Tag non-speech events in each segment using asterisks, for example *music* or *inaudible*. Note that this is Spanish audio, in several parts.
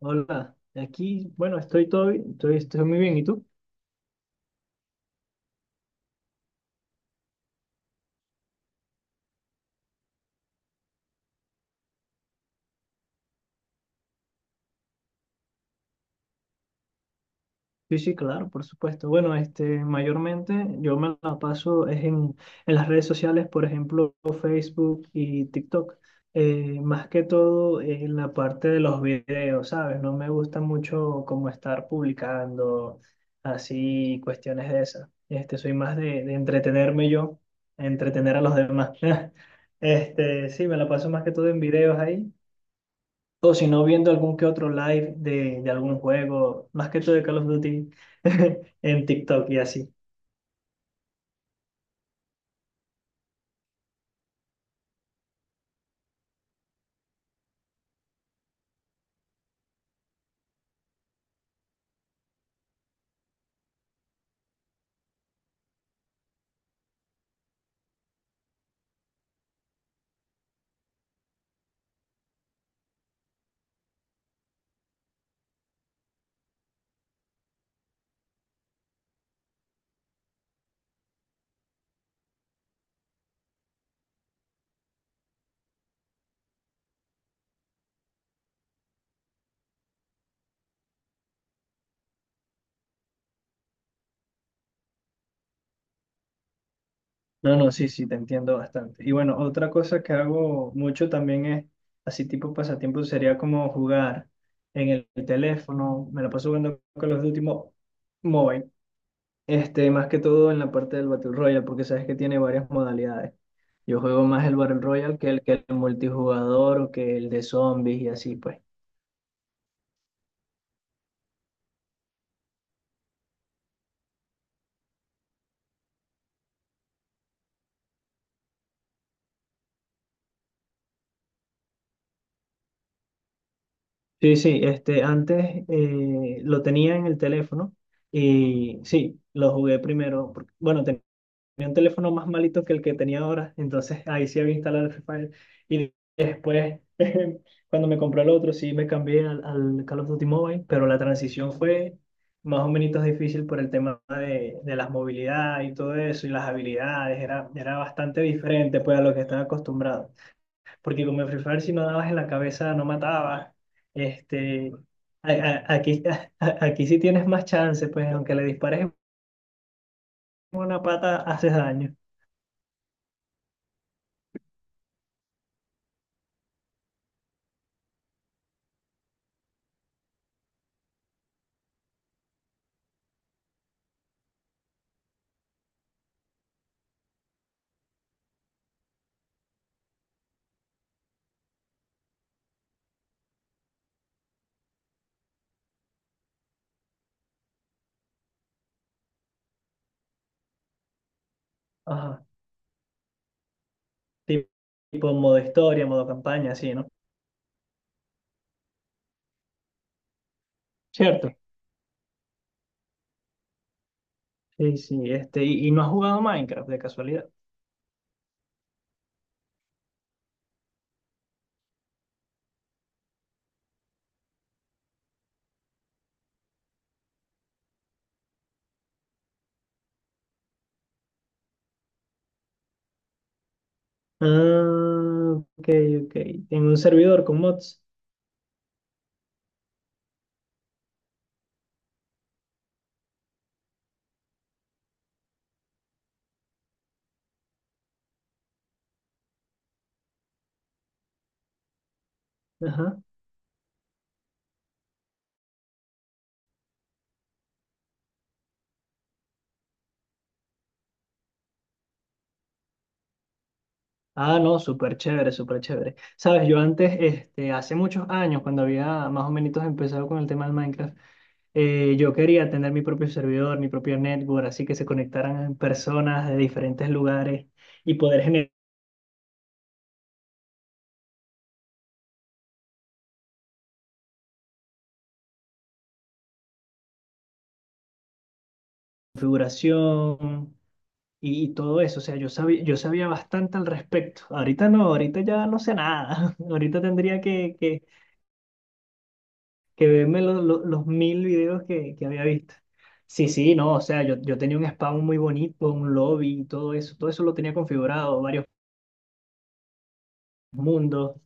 Hola, aquí, bueno, estoy todo bien, estoy muy bien, ¿y tú? Sí, sí, claro, por supuesto. Bueno, mayormente yo me la paso es en las redes sociales, por ejemplo, Facebook y TikTok. Más que todo en la parte de los videos, ¿sabes? No me gusta mucho como estar publicando así cuestiones de esas. Soy más de entretenerme yo, entretener a los demás. *laughs* Sí, me la paso más que todo en videos ahí. O si no, viendo algún que otro live de algún juego, más que todo de Call of Duty, *laughs* en TikTok y así. No, no, sí, sí, te entiendo bastante. Y bueno, otra cosa que hago mucho también es, así tipo pasatiempo, sería como jugar en el teléfono. Me la paso jugando Call of Duty Mobile. Más que todo en la parte del Battle Royale, porque sabes que tiene varias modalidades. Yo juego más el Battle Royale que el multijugador o que el de zombies y así, pues. Sí, sí, antes lo tenía en el teléfono y sí, lo jugué primero. Porque, bueno, tenía un teléfono más malito que el que tenía ahora, entonces ahí sí había instalado el Free Fire. Y después, *laughs* cuando me compré el otro, sí me cambié al Call of Duty Mobile, pero la transición fue más o menos difícil por el tema de las movilidades y todo eso, y las habilidades, era bastante diferente pues a lo que estaba acostumbrado porque como en Free Fire si no dabas en la cabeza no matabas. Este, aquí, *laughs* aquí sí tienes más chance, pues aunque le dispares en una pata haces daño. Ajá. Tipo, tipo modo historia, modo campaña, así, ¿no? Cierto. Sí, sí, y no has jugado Minecraft de casualidad. Ah, ok, ok. En un servidor con mods. Ajá. Ah, no, súper chévere, súper chévere. Sabes, yo antes, hace muchos años, cuando había más o menos empezado con el tema del Minecraft, yo quería tener mi propio servidor, mi propio network, así que se conectaran personas de diferentes lugares y poder generar configuración y todo eso. O sea, yo sabía bastante al respecto. Ahorita no, ahorita ya no sé nada. *laughs* Ahorita tendría que verme los mil videos que había visto. Sí, sí, no, o sea, yo tenía un spawn muy bonito, un lobby y todo eso. Todo eso lo tenía configurado, varios mundo.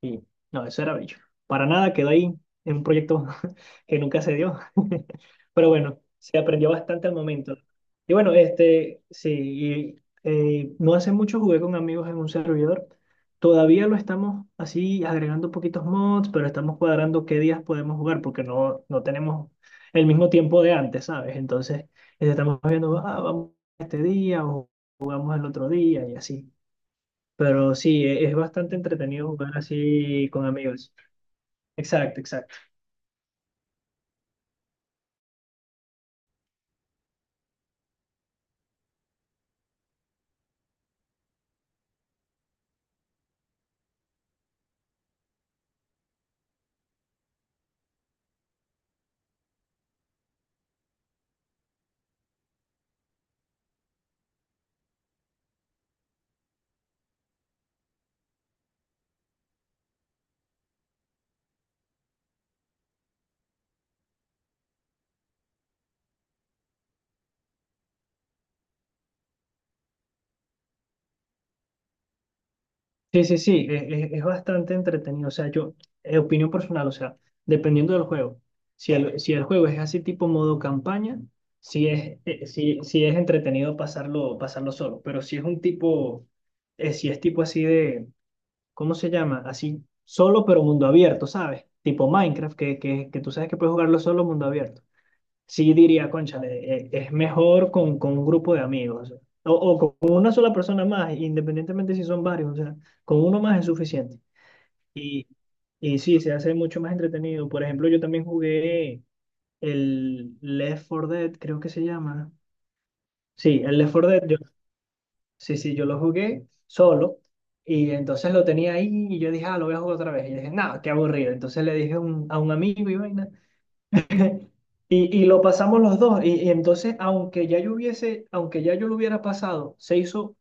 Y no, eso era bello. Para nada quedó ahí en un proyecto *laughs* que nunca se dio. *laughs* Pero bueno, se aprendió bastante al momento. Y bueno, sí, y, no hace mucho jugué con amigos en un servidor. Todavía lo estamos así agregando poquitos mods, pero estamos cuadrando qué días podemos jugar porque no, no tenemos el mismo tiempo de antes, ¿sabes? Entonces, estamos viendo, ah, vamos este día o jugamos el otro día y así. Pero sí, es bastante entretenido jugar así con amigos. Exacto, exacto. Sí, sí, sí, es, bastante entretenido. O sea, yo, opinión personal, o sea, dependiendo del juego. Si el juego es así tipo modo campaña, sí, sí es entretenido pasarlo, pasarlo solo. Pero si es tipo así de, ¿cómo se llama? Así solo pero mundo abierto, ¿sabes? Tipo Minecraft, que tú sabes que puedes jugarlo solo mundo abierto. Sí diría, cónchale, es mejor con un grupo de amigos o con una sola persona más, independientemente si son varios, o sea, con uno más es suficiente. Y, y sí, se hace mucho más entretenido. Por ejemplo, yo también jugué el Left 4 Dead, creo que se llama. Sí, el Left 4 Dead, yo, sí, sí, yo lo jugué solo. Y entonces lo tenía ahí y yo dije, ah, lo voy a jugar otra vez. Y dije, no, qué aburrido. Entonces le dije a un amigo y vaina. *laughs* Y lo pasamos los dos. Y entonces, aunque ya yo lo hubiera pasado, se hizo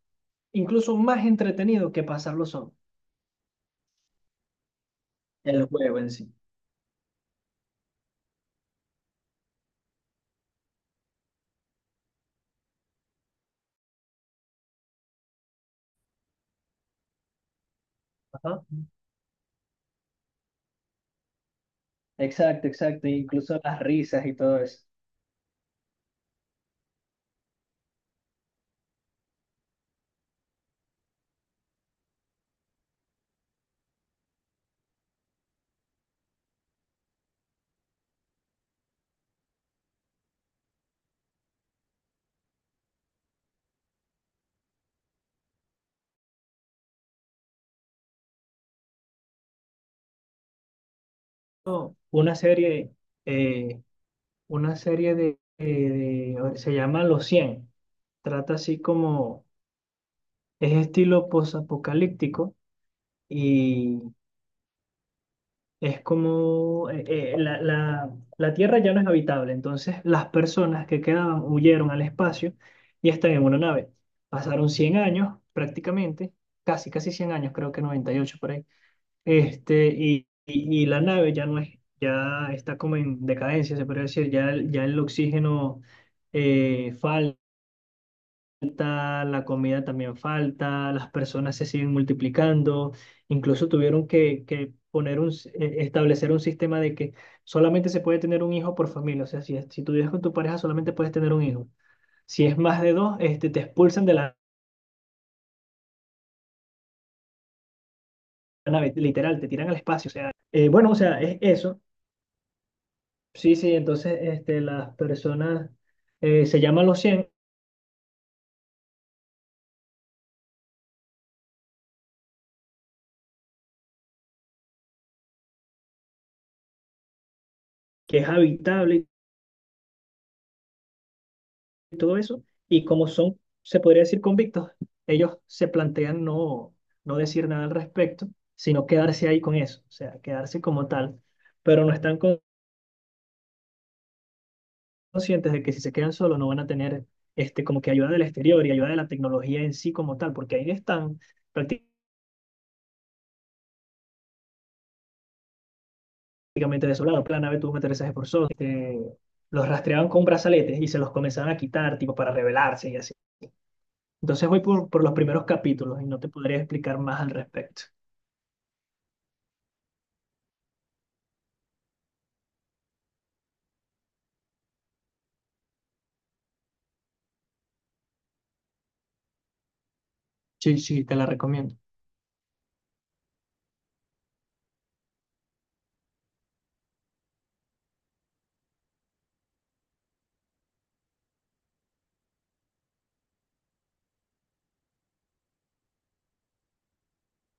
incluso más entretenido que pasarlo solo. El juego en sí. Ajá. Exacto, exacto. Incluso las risas y todo eso. No, eh, una serie se llama Los 100. Trata así como, es estilo posapocalíptico. Es como la, la- la Tierra ya no es habitable, entonces las personas que quedaban huyeron al espacio y están en una nave. Pasaron 100 años prácticamente, casi, casi 100 años, creo que 98 por ahí. Y la nave ya no es, ya está como en decadencia, se podría decir, ya el oxígeno eh, falta falta, la comida también falta, las personas se siguen multiplicando, incluso tuvieron que establecer un sistema de que solamente se puede tener un hijo por familia, o sea, si, si tú vives con tu pareja solamente puedes tener un hijo, si es más de dos, te expulsan de la nave, literal, te tiran al espacio, o sea, bueno, o sea, es eso, sí, sí, entonces las personas, se llaman los 100 que es habitable. Y todo eso, y como son, se podría decir, convictos, ellos se plantean no, no decir nada al respecto, sino quedarse ahí con eso, o sea, quedarse como tal, pero no están conscientes de que si se quedan solos no van a tener como que ayuda del exterior y ayuda de la tecnología en sí como tal, porque ahí están prácticamente desolados, la nave tuvo un aterrizaje forzoso, los rastreaban con brazaletes y se los comenzaban a quitar, tipo, para rebelarse y así. Entonces voy por los primeros capítulos y no te podría explicar más al respecto. Sí, sí, te la recomiendo.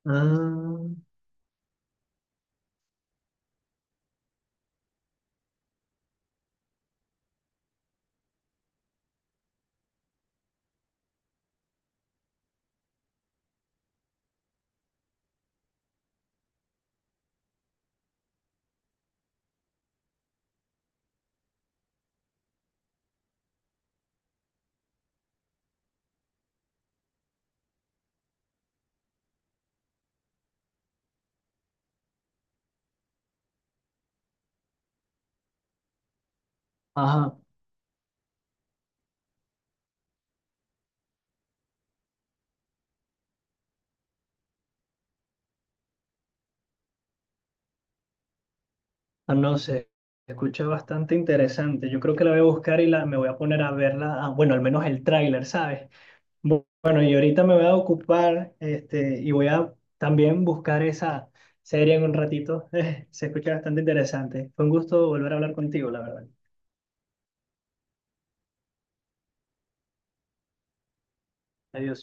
Ah, ajá, ah, no sé, se escucha bastante interesante. Yo creo que la voy a buscar y me voy a poner a verla, ah, bueno, al menos el tráiler, ¿sabes? Bueno, y ahorita me voy a ocupar, y voy a también buscar esa serie en un ratito. *laughs* Se escucha bastante interesante. Fue un gusto volver a hablar contigo, la verdad. Adiós.